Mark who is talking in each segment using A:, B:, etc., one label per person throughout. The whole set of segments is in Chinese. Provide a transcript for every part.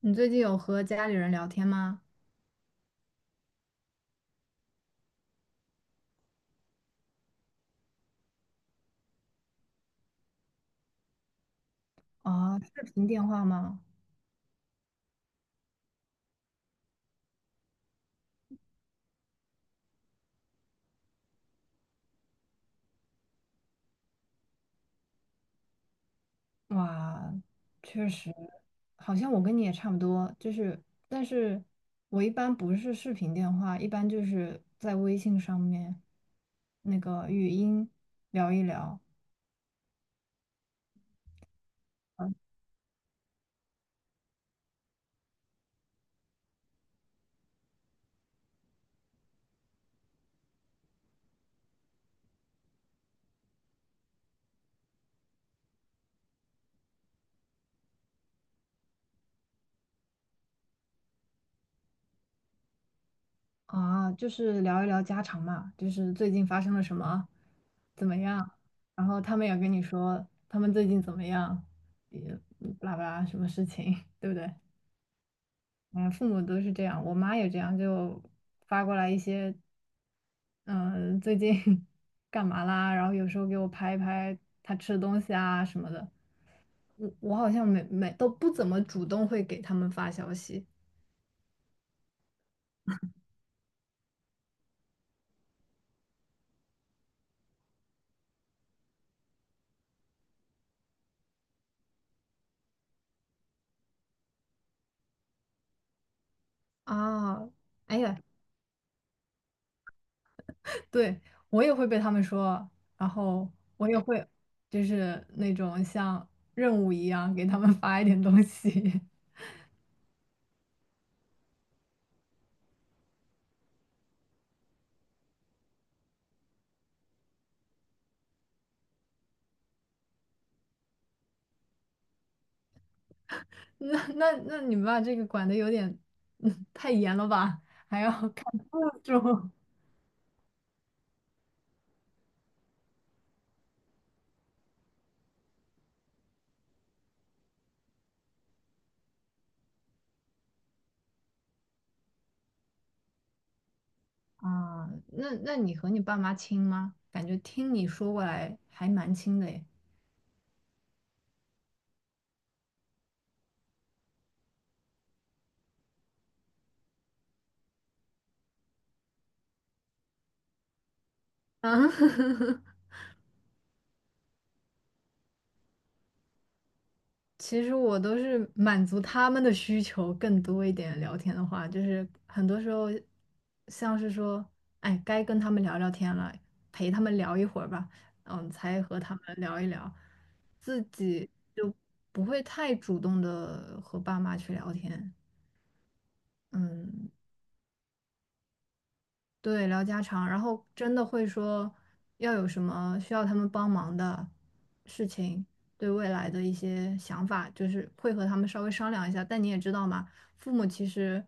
A: 你最近有和家里人聊天吗？啊，视频电话吗？哇，确实。好像我跟你也差不多，就是，但是我一般不是视频电话，一般就是在微信上面那个语音聊一聊。啊，就是聊一聊家常嘛，就是最近发生了什么，怎么样，然后他们也跟你说他们最近怎么样，也巴拉巴拉什么事情，对不对？嗯，父母都是这样，我妈也这样，就发过来一些，嗯、最近 干嘛啦？然后有时候给我拍一拍她吃的东西啊什么的。我好像没没都不怎么主动会给他们发消息啊。哎呀，对，我也会被他们说，然后我也会就是那种像任务一样给他们发一点东西。那你们把这个管的有点 嗯，太严了吧？还要 注。啊，那那你和你爸妈亲吗？感觉听你说过来还蛮亲的诶。啊，其实我都是满足他们的需求更多一点。聊天的话，就是很多时候像是说，哎，该跟他们聊聊天了，陪他们聊一会儿吧，嗯，才和他们聊一聊，自己就不会太主动的和爸妈去聊天。嗯，对，聊家常，然后真的会说要有什么需要他们帮忙的事情，对未来的一些想法，就是会和他们稍微商量一下。但你也知道嘛，父母其实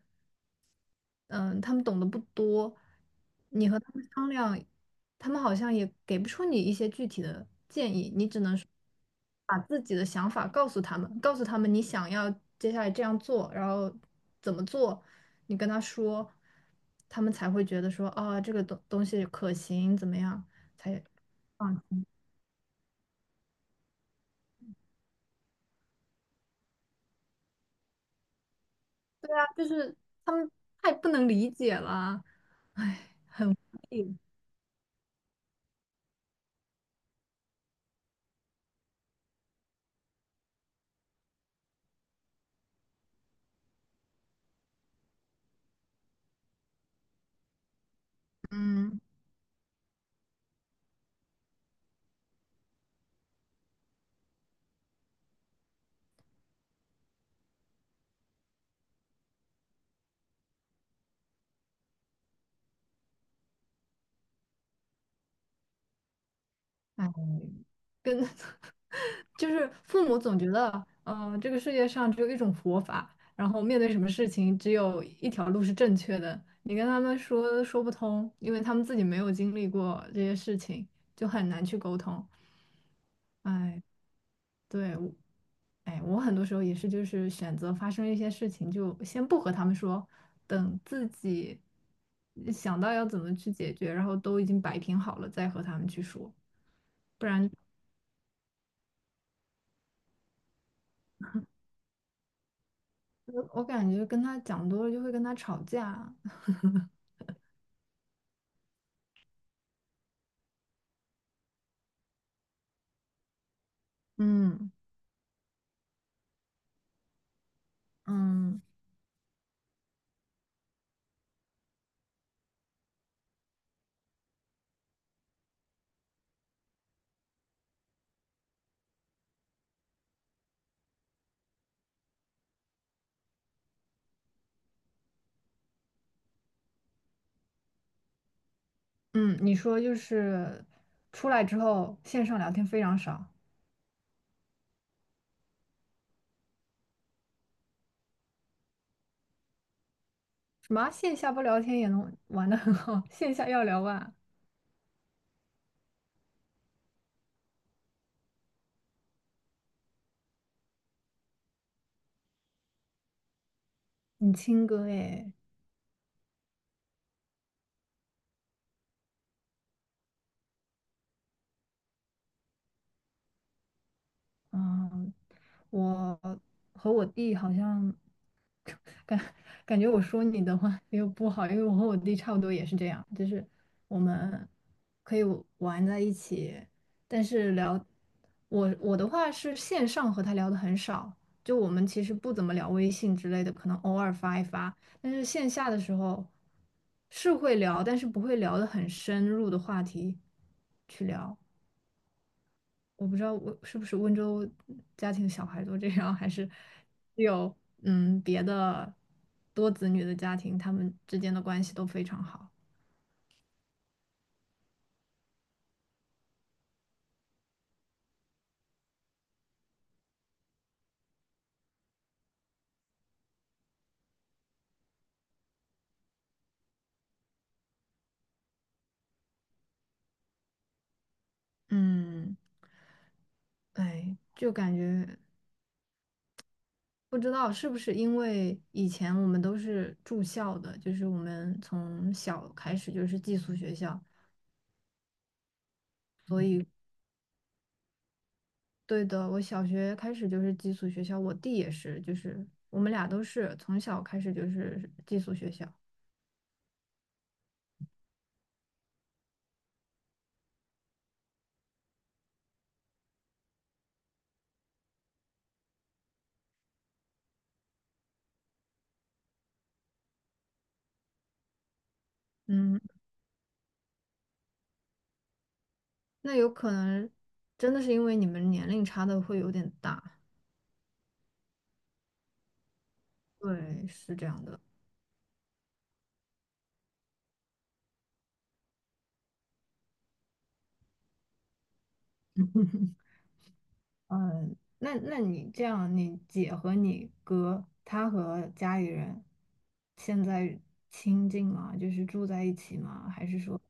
A: 嗯，他们懂得不多，你和他们商量，他们好像也给不出你一些具体的建议，你只能说把自己的想法告诉他们，告诉他们你想要接下来这样做，然后怎么做，你跟他说，他们才会觉得说啊，这个东西可行，怎么样才放弃。对啊，就是他们太不能理解了啊，唉，嗯，嗯唉。就是父母总觉得，嗯，这个世界上只有一种活法，然后面对什么事情只有一条路是正确的。你跟他们说说不通，因为他们自己没有经历过这些事情，就很难去沟通。哎，对，我，哎，我很多时候也是，就是选择发生一些事情，就先不和他们说，等自己想到要怎么去解决，然后都已经摆平好了，再和他们去说，不然我感觉跟他讲多了就会跟他吵架。嗯嗯嗯，你说就是出来之后线上聊天非常少，什么线下不聊天也能玩得很好，线下要聊啊。你亲哥诶，嗯，我和我弟好像。感感觉我说你的话又不好，因为我和我弟差不多也是这样，就是我们可以玩在一起，但是聊我的话是线上和他聊的很少，就我们其实不怎么聊微信之类的，可能偶尔发一发，但是线下的时候是会聊，但是不会聊的很深入的话题去聊。我不知道是不是温州家庭小孩都这样，还是只有别的多子女的家庭，他们之间的关系都非常好。嗯，哎，就感觉不知道是不是因为以前我们都是住校的，就是我们从小开始就是寄宿学校。对的，我小学开始就是寄宿学校，我弟也是，就是我们俩都是从小开始就是寄宿学校。嗯，那有可能真的是因为你们年龄差的会有点大，对，是这样的。那那你这样，你姐和你哥，他和家里人现在亲近吗？就是住在一起吗？还是说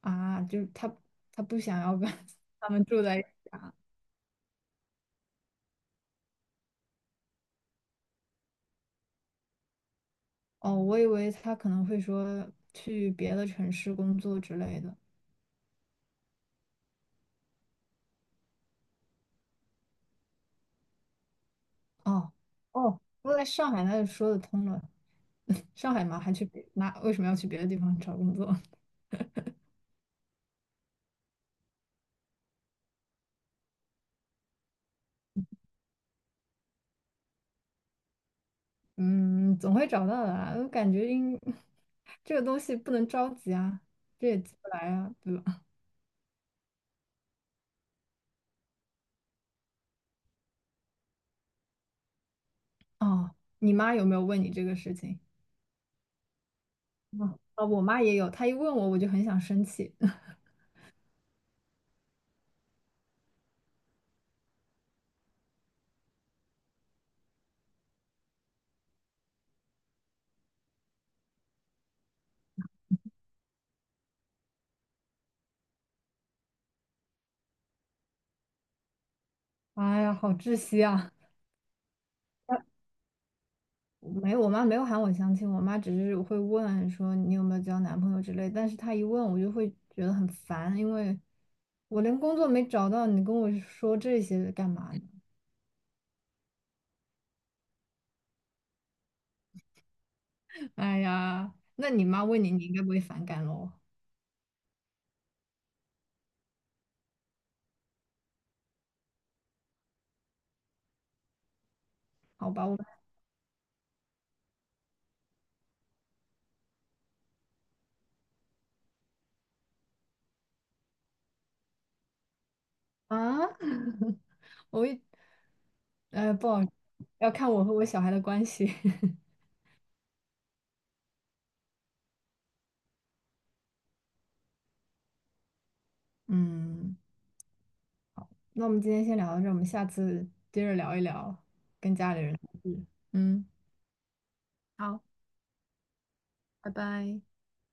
A: 啊，就是他不想要跟 他们住在一起？哦，我以为他可能会说去别的城市工作之类的。哦哦，我在上海那就说得通了。上海嘛，还去别那为什么要去别的地方找工作？嗯，总会找到的啦。我感觉应 这个东西不能着急啊，这也急不来啊，对吧？哦，你妈有没有问你这个事情？我妈也有，她一问我，我就很想生气。哎呀，好窒息啊！没有，我妈没有喊我相亲，我妈只是会问说你有没有交男朋友之类，但是她一问我就会觉得很烦，因为我连工作没找到，你跟我说这些干嘛呢？哎呀，那你妈问你，你应该不会反感喽？好吧，我。啊，我一，不好，要看我和我小孩的关系。嗯，那我们今天先聊到这儿，我们下次接着聊一聊跟家里人的事。嗯，好，拜拜。